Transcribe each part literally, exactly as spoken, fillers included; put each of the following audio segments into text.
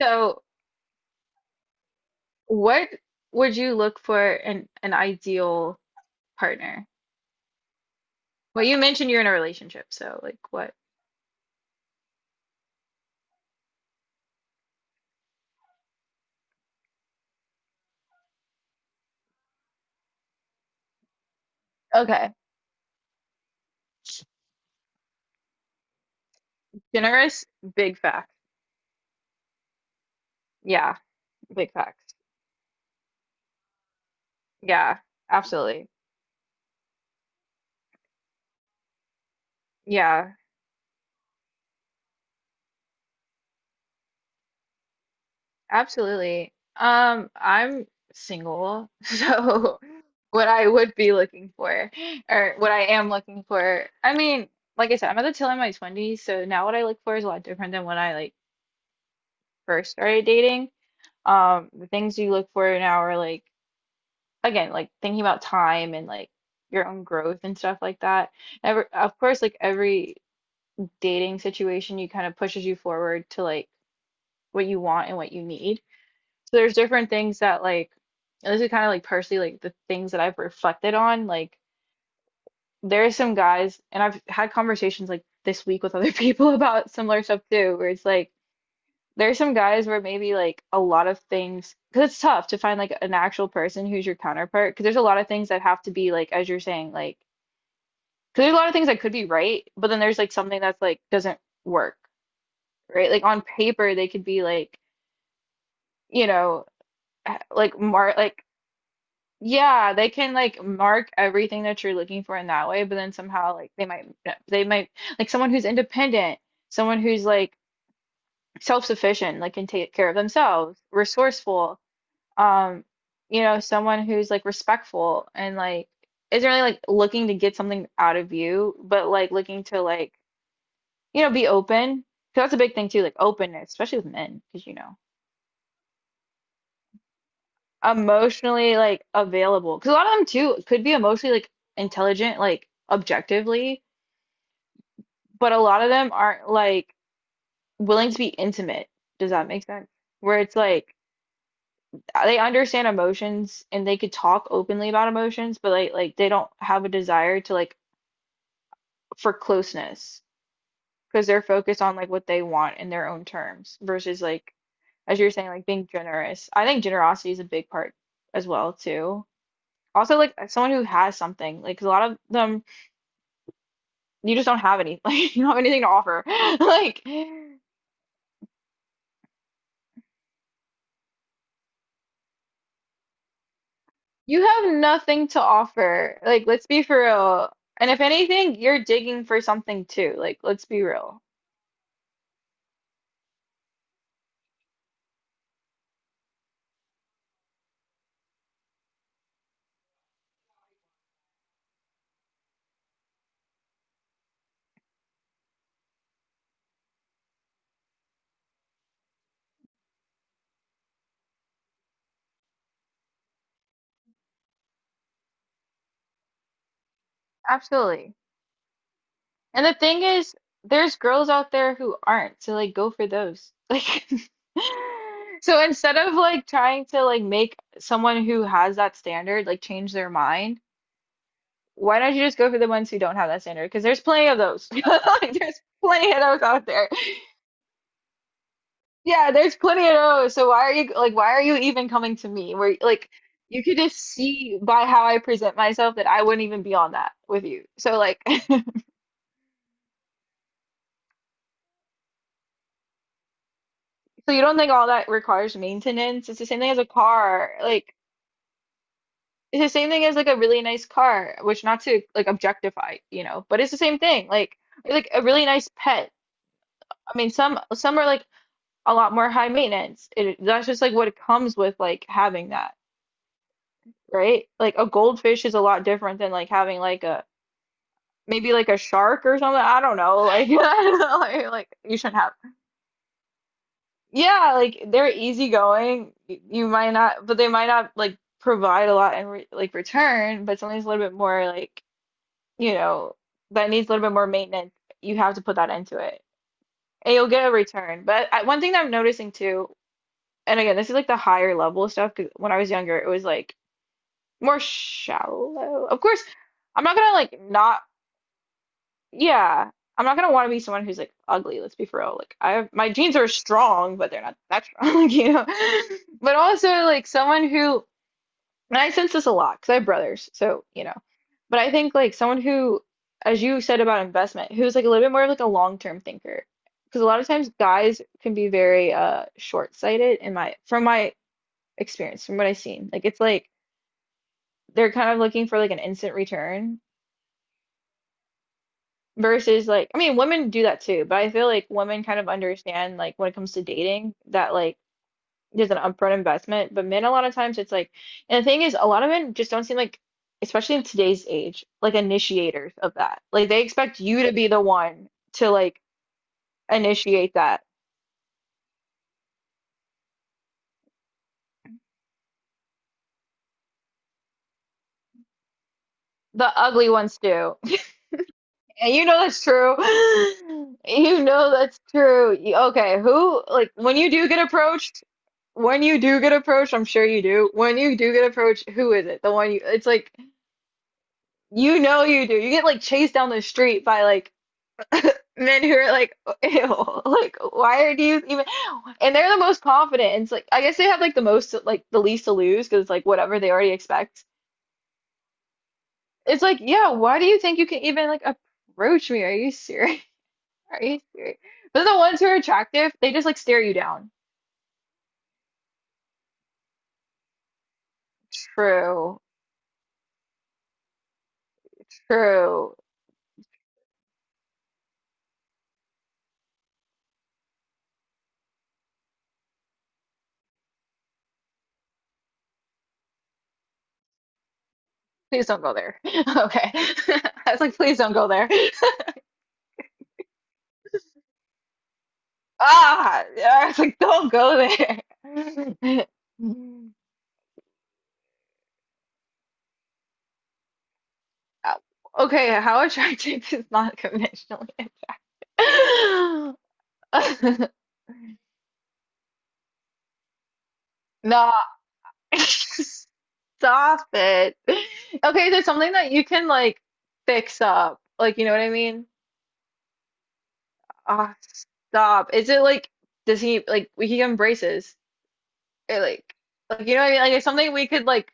So, what would you look for in an ideal partner? Well, you mentioned you're in a relationship, so like what? Okay. Generous, big fact. Yeah, big facts. Yeah, absolutely. Yeah, absolutely. Um, I'm single, so what I would be looking for, or what I am looking for, I mean, like I said, I'm at the tail end of my twenties, so now what I look for is a lot different than when I like first started dating. Um, the things you look for now are like again, like thinking about time and like your own growth and stuff like that. Ever, of course, like every dating situation, you kind of pushes you forward to like what you want and what you need. So there's different things that like, and this is kind of like personally like the things that I've reflected on. Like there are some guys, and I've had conversations like this week with other people about similar stuff too, where it's like there's some guys where maybe like a lot of things, because it's tough to find like an actual person who's your counterpart, because there's a lot of things that have to be like, as you're saying, like, because there's a lot of things that could be right, but then there's like something that's like doesn't work, right? Like on paper, they could be like, you know, eh, like mark, like, yeah, they can like mark everything that you're looking for in that way, but then somehow like they might, eh, they might, like someone who's independent, someone who's like, self-sufficient, like can take care of themselves, resourceful, um you know, someone who's like respectful and like isn't really like looking to get something out of you but like looking to like, you know, be open. 'Cause that's a big thing too, like openness, especially with men, because you know, emotionally like available, because a lot of them too could be emotionally like intelligent, like objectively, but a lot of them aren't like willing to be intimate. Does that make sense, where it's like they understand emotions and they could talk openly about emotions but like like they don't have a desire to like for closeness because they're focused on like what they want in their own terms versus like, as you're saying, like being generous. I think generosity is a big part as well too. Also like someone who has something, like 'cause a lot of them you just don't have any, like you don't have anything to offer. Like you have nothing to offer. Like let's be for real. And if anything, you're digging for something too. Like let's be real. Absolutely. And the thing is, there's girls out there who aren't, so like go for those. Like so instead of like trying to like make someone who has that standard like change their mind, why don't you just go for the ones who don't have that standard? Because there's plenty of those. Like there's plenty of those out there. Yeah, there's plenty of those. So why are you like why are you even coming to me? Where like you could just see by how I present myself that I wouldn't even be on that with you. So like so you don't think all that requires maintenance? It's the same thing as a car. Like it's the same thing as like a really nice car, which not to like objectify, you know, but it's the same thing. Like like a really nice pet. I mean, some some are like a lot more high maintenance. It that's just like what it comes with like having that, right? Like a goldfish is a lot different than like having like a maybe like a shark or something. I don't know. Like like, like you shouldn't have. Yeah, like they're easygoing. y- You might not, but they might not like provide a lot in re like return, but something's a little bit more like, you know, that needs a little bit more maintenance. You have to put that into it and you'll get a return. But I, one thing that I'm noticing too, and again, this is like the higher level stuff because when I was younger, it was like more shallow. Of course, I'm not gonna like not. Yeah, I'm not gonna want to be someone who's like ugly, let's be for real. Like I have my genes are strong, but they're not that strong, you know. But also like someone who, and I sense this a lot because I have brothers, so you know. But I think like someone who, as you said about investment, who's like a little bit more of like a long-term thinker. Because a lot of times guys can be very uh short-sighted in my from my experience, from what I've seen. Like it's like they're kind of looking for like an instant return versus like, I mean, women do that too, but I feel like women kind of understand like when it comes to dating that like there's an upfront investment, but men a lot of times it's like, and the thing is, a lot of men just don't seem like, especially in today's age, like initiators of that. Like they expect you to be the one to like initiate that. The ugly ones do. And you know that's true. You know that's true. Y- Okay, who, like, when you do get approached, when you do get approached, I'm sure you do. When you do get approached, who is it? The one you, it's like, you know you do. You get, like, chased down the street by, like, men who are like, ew, like, why are you even, and they're the most confident. And it's like, I guess they have, like, the most, like, the least to lose because it's like whatever they already expect. It's like, yeah, why do you think you can even, like, approach me? Are you serious? Are you serious? But the ones who are attractive, they just like stare you down. True, true. Please don't go there. Okay. I was like, please don't go there. Ah, yeah, I was like, don't go there. Uh, okay, how attractive is not conventionally attractive? No, stop it. Okay, there's something that you can like fix up. Like, you know what I mean? Ah, stop. Is it like does he like we can give him braces? Or like like you know what I mean? Like it's something we could like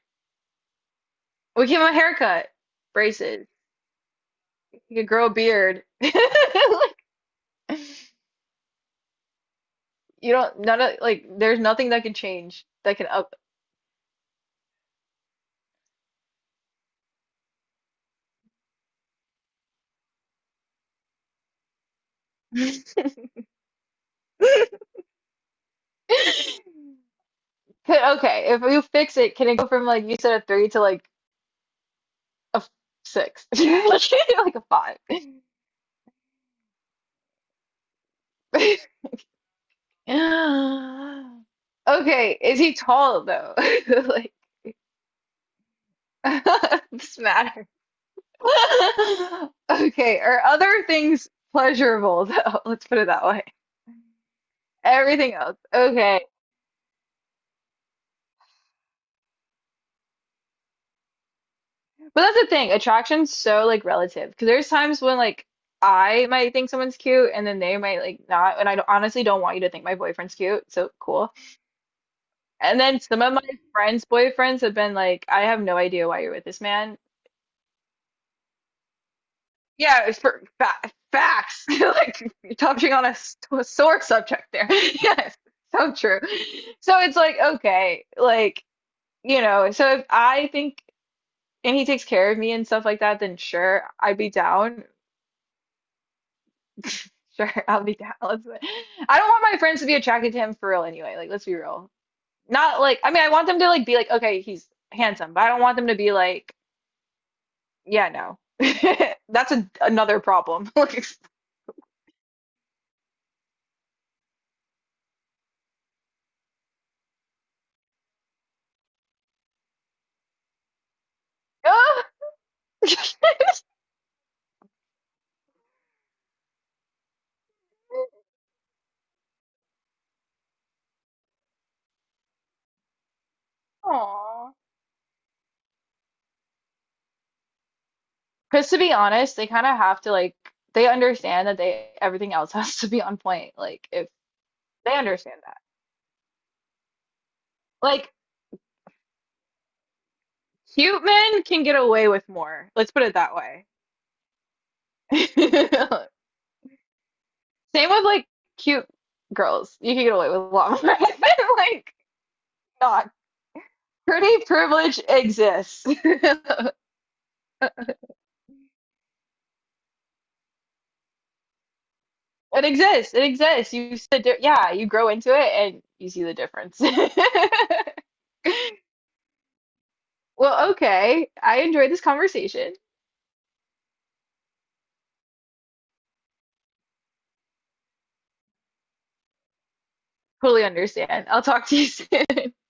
we give him a haircut, braces. He could grow a beard. Like you don't none of like there's nothing that can change that can up could- okay, if you fix it, can it go from like you said a three to like a f- six? Like a five. Okay, is he tall though? Like, this matters. Okay, are other things pleasurable though? Let's put it that way. Everything else. Okay. But that's the thing. Attraction's so like relative because there's times when like I might think someone's cute and then they might like not and I don't- honestly don't want you to think my boyfriend's cute. So cool. And then some of my friends' boyfriends have been like, I have no idea why you're with this man. Yeah, it's for fa facts. Like you're touching on a, s- a sore subject there. Yes, so true. So it's like, okay, like, you know, so if I think and he takes care of me and stuff like that, then sure, I'd be down. Sure, I'll be down. Let's do it. I don't want my friends to be attracted to him for real anyway. Like, let's be real. Not like, I mean, I want them to like be like, okay, he's handsome, but I don't want them to be like, yeah, no. That's a, another problem. Like, ah! Aw. Because to be honest, they kind of have to like they understand that they everything else has to be on point. Like if they understand that. Like cute men can get away with more. Let's put it that way. Same with like cute girls. You can get away with a lot more like not. Pretty privilege exists. It exists. It exists. You said yeah, you grow into it and you see the difference. Well, okay. I enjoyed this conversation. Totally understand. I'll talk to you soon.